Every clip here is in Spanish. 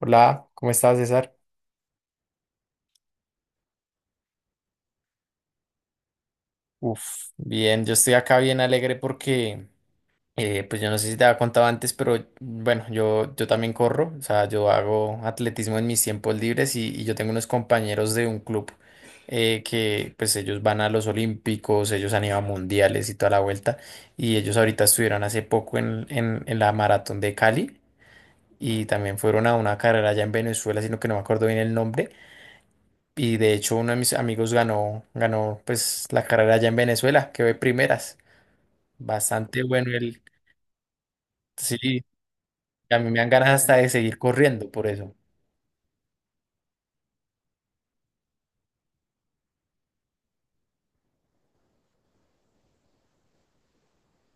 Hola, ¿cómo estás, César? Uf, bien, yo estoy acá bien alegre porque, pues yo no sé si te había contado antes, pero bueno, yo también corro, o sea, yo hago atletismo en mis tiempos libres y yo tengo unos compañeros de un club que pues ellos van a los Olímpicos, ellos han ido a mundiales y toda la vuelta, y ellos ahorita estuvieron hace poco en la maratón de Cali, y también fueron a una carrera allá en Venezuela, sino que no me acuerdo bien el nombre. Y de hecho uno de mis amigos ganó, ganó pues la carrera allá en Venezuela, que de primeras. Bastante bueno él. Sí, a mí me dan ganas hasta de seguir corriendo por eso.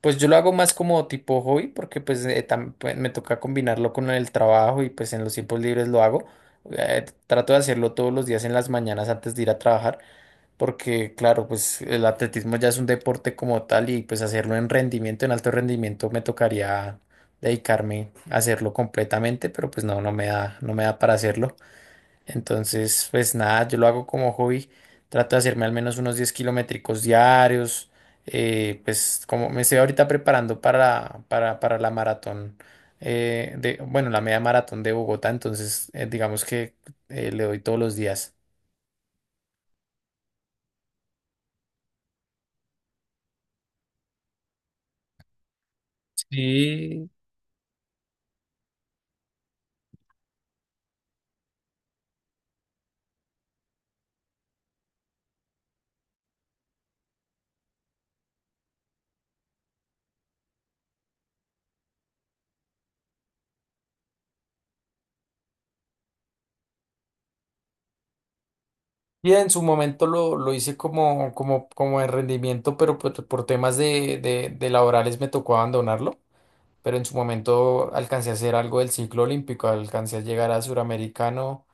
Pues yo lo hago más como tipo hobby porque pues, pues, me toca combinarlo con el trabajo y pues en los tiempos libres lo hago. Trato de hacerlo todos los días en las mañanas antes de ir a trabajar, porque claro, pues el atletismo ya es un deporte como tal y pues hacerlo en rendimiento, en alto rendimiento, me tocaría dedicarme a hacerlo completamente, pero pues no, no me da, no me da para hacerlo. Entonces, pues nada, yo lo hago como hobby, trato de hacerme al menos unos 10 kilométricos diarios, pues como me estoy ahorita preparando para la maratón. Bueno, la media maratón de Bogotá, entonces digamos que le doy todos los días. Sí. Y en su momento lo hice como en rendimiento, pero por temas de laborales me tocó abandonarlo. Pero en su momento alcancé a hacer algo del ciclo olímpico, alcancé a llegar a suramericano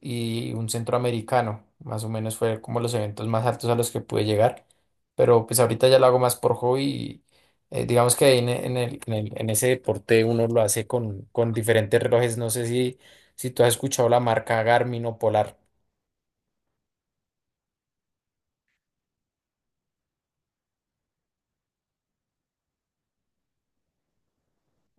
y un centroamericano. Más o menos fue como los eventos más altos a los que pude llegar. Pero pues ahorita ya lo hago más por hobby. Y, digamos que ahí en el, en el- en ese deporte uno lo hace con diferentes relojes. No sé si, si tú has escuchado la marca Garmin o Polar.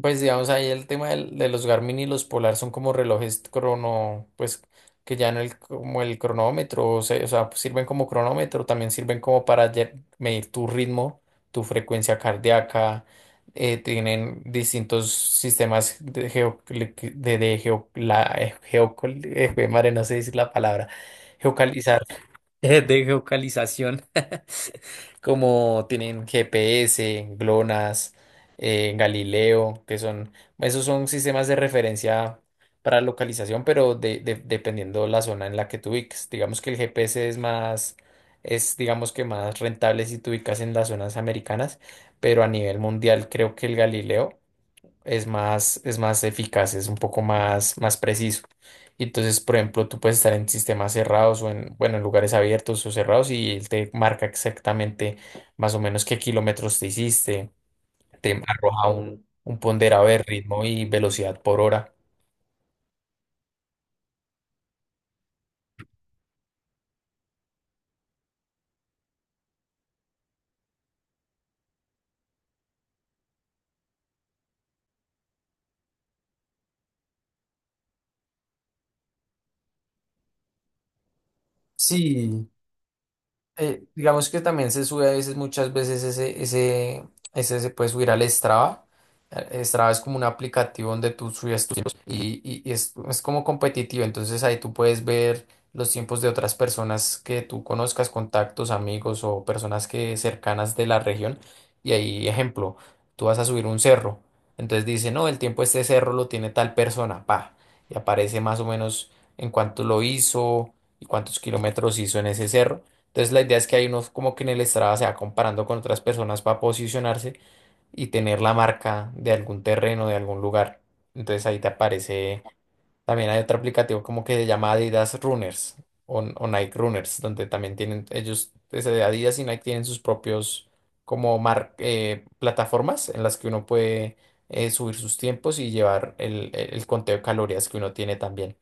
Pues digamos ahí el de los Garmin y los Polar son como relojes crono, pues que ya no el, como el cronómetro, o sea, sirven como cronómetro, también sirven como para medir tu ritmo, tu frecuencia cardíaca, tienen distintos sistemas de, geo, jue madre, no sé decir la palabra, geocalizar, de geocalización, como tienen GPS, GLONASS, Galileo, que son, esos son sistemas de referencia para localización, pero dependiendo la zona en la que te ubiques. Digamos que el GPS es más, es digamos que más rentable si te ubicas en las zonas americanas, pero a nivel mundial creo que el Galileo es más eficaz, es un poco más, más preciso. Y entonces, por ejemplo, tú puedes estar en sistemas cerrados o en, bueno, en lugares abiertos o cerrados y él te marca exactamente más o menos qué kilómetros te hiciste, te arroja un ponderado de ritmo y velocidad por hora. Sí, digamos que también se sube a veces, muchas veces ese se puede subir al Strava. Strava es como un aplicativo donde tú subes tus tiempos y es como competitivo. Entonces ahí tú puedes ver los tiempos de otras personas que tú conozcas, contactos, amigos o personas que cercanas de la región. Y ahí, ejemplo, tú vas a subir un cerro. Entonces dice, no, el tiempo de este cerro lo tiene tal persona, pa. Y aparece más o menos en cuánto lo hizo y cuántos kilómetros hizo en ese cerro. Entonces la idea es que hay uno como que en el Strava se va comparando con otras personas para posicionarse y tener la marca de algún terreno, de algún lugar. Entonces ahí te aparece, también hay otro aplicativo como que se llama Adidas Runners o Nike Runners, donde también tienen ellos, desde Adidas y Nike tienen sus propios como plataformas en las que uno puede subir sus tiempos y llevar el conteo de calorías que uno tiene también.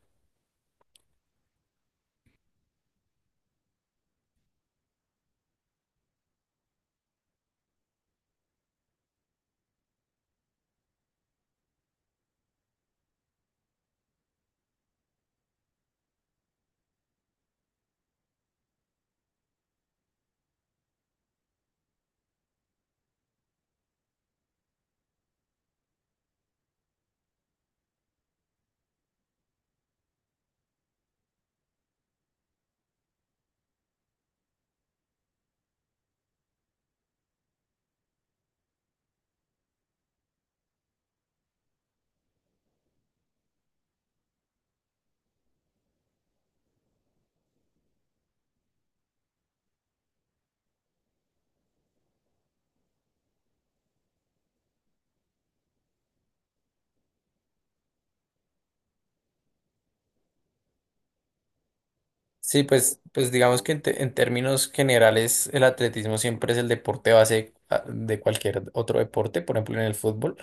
Sí, pues, pues digamos que en términos generales el atletismo siempre es el deporte base ah, de cualquier otro deporte, por ejemplo en el fútbol.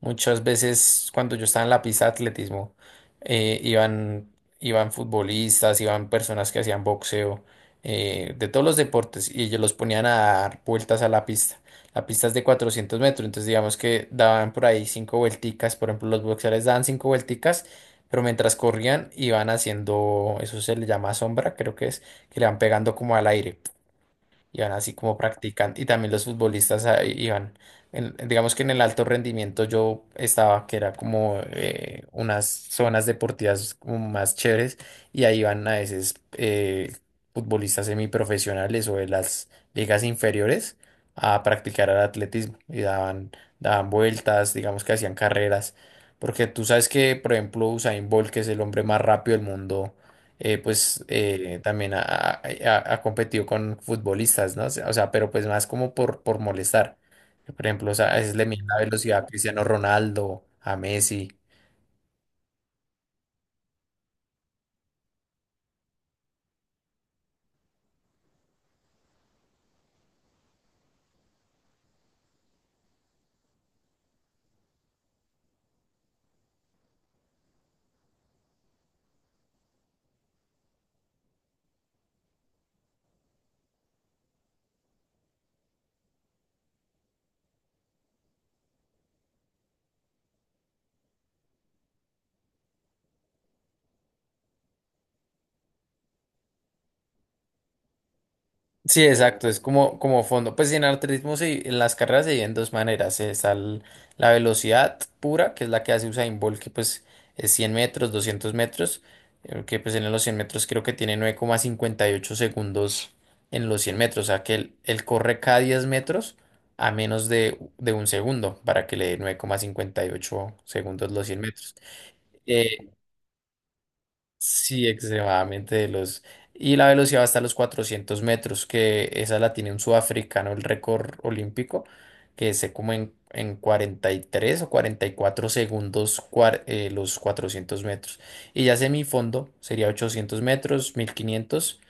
Muchas veces cuando yo estaba en la pista de atletismo, eh, iban, iban futbolistas, iban personas que hacían boxeo, de todos los deportes y ellos los ponían a dar vueltas a la pista. La pista es de 400 metros, entonces digamos que daban por ahí cinco vuelticas, por ejemplo los boxeadores daban cinco vuelticas. Pero mientras corrían, iban haciendo, eso se le llama sombra, creo que es, que le van pegando como al aire, iban así como practican. Y también los futbolistas ah, iban, digamos que en el alto rendimiento yo estaba, que era como unas zonas deportivas como más chéveres, y ahí iban a veces futbolistas semiprofesionales o de las ligas inferiores a practicar el atletismo y daban, daban vueltas, digamos que hacían carreras. Porque tú sabes que, por ejemplo, Usain Bolt, que es el hombre más rápido del mundo, también ha competido con futbolistas, ¿no? Pero pues más como por molestar. Por ejemplo, o sea, a veces le mide la velocidad a Cristiano Ronaldo, a Messi. Sí, exacto, es como, como fondo. Pues en atletismo en las carreras se dividen en dos maneras. La velocidad pura, que es la que hace Usain Bolt, que pues es 100 metros, 200 metros, que pues en los 100 metros creo que tiene 9,58 segundos en los 100 metros, o sea que él corre cada 10 metros a menos de un segundo para que le dé 9,58 segundos los 100 metros. Eh, Sí, extremadamente veloz. Y la velocidad va hasta los 400 metros, que esa la tiene un sudafricano, el récord olímpico, que se como en 43 o 44 segundos los 400 metros. Y ya semifondo sería 800 metros, 1500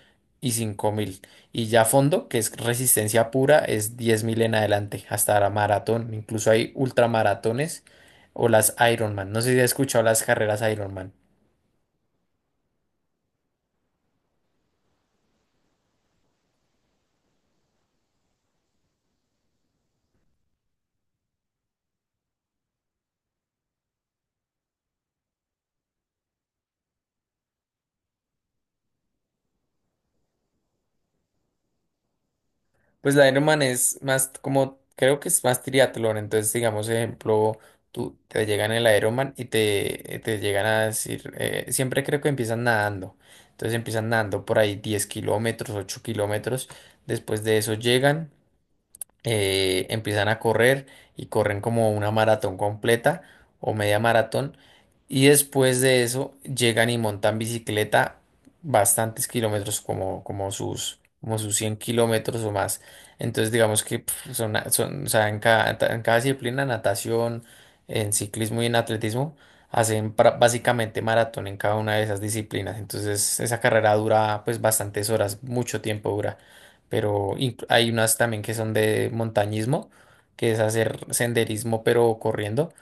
y 5000. Y ya fondo, que es resistencia pura, es 10.000 en adelante, hasta la maratón. Incluso hay ultramaratones o las Ironman. No sé si has escuchado las carreras Ironman. Pues la Ironman es más como, creo que es más triatlón, entonces digamos, ejemplo, tú te llegan el Ironman y te llegan a decir, siempre creo que empiezan nadando, entonces empiezan nadando por ahí 10 kilómetros, 8 kilómetros, después de eso llegan empiezan a correr y corren como una maratón completa o media maratón y después de eso llegan y montan bicicleta bastantes kilómetros como, como sus 100 kilómetros o más. Entonces digamos que pf, son, son, o sea, en cada disciplina, natación, en ciclismo y en atletismo, hacen básicamente maratón en cada una de esas disciplinas. Entonces esa carrera dura pues bastantes horas, mucho tiempo dura, pero hay unas también que son de montañismo, que es hacer senderismo pero corriendo.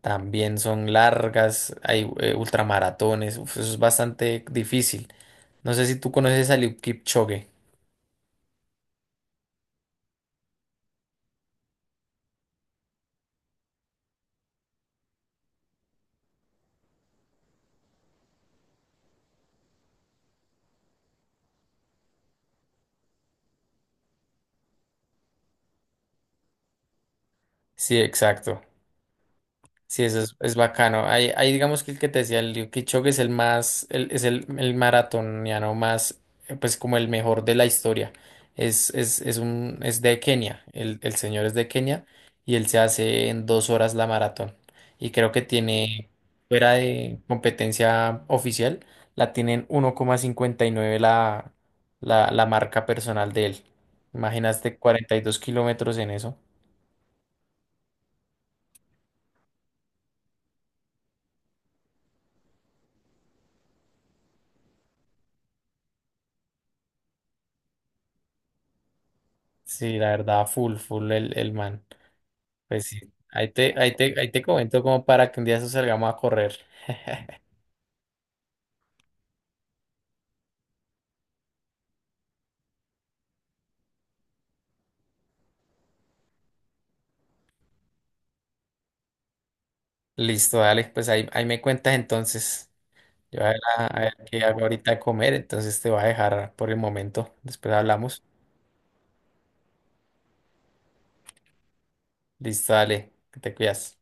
También son largas, hay ultramaratones, uf, eso es bastante difícil. No sé si tú conoces a Eliud Kipchoge. Sí, exacto. Sí, eso es bacano. Ahí digamos que el que te decía, el Liu Kipchoge es el más, es el maratoniano más, pues como el mejor de la historia. Es de Kenia, el señor es de Kenia y él se hace en 2 horas la maratón. Y creo que tiene, fuera de competencia oficial, la tienen 1,59 la marca personal de él. Imaginaste 42 kilómetros en eso. Sí, la verdad, full, full el man. Pues sí, ahí te comento como para que un día de salgamos a correr. Listo, dale, pues ahí me cuentas entonces. Yo voy a ver, a ver qué hago ahorita de comer, entonces te voy a dejar por el momento. Después hablamos. Listo, dale, que te cuidas.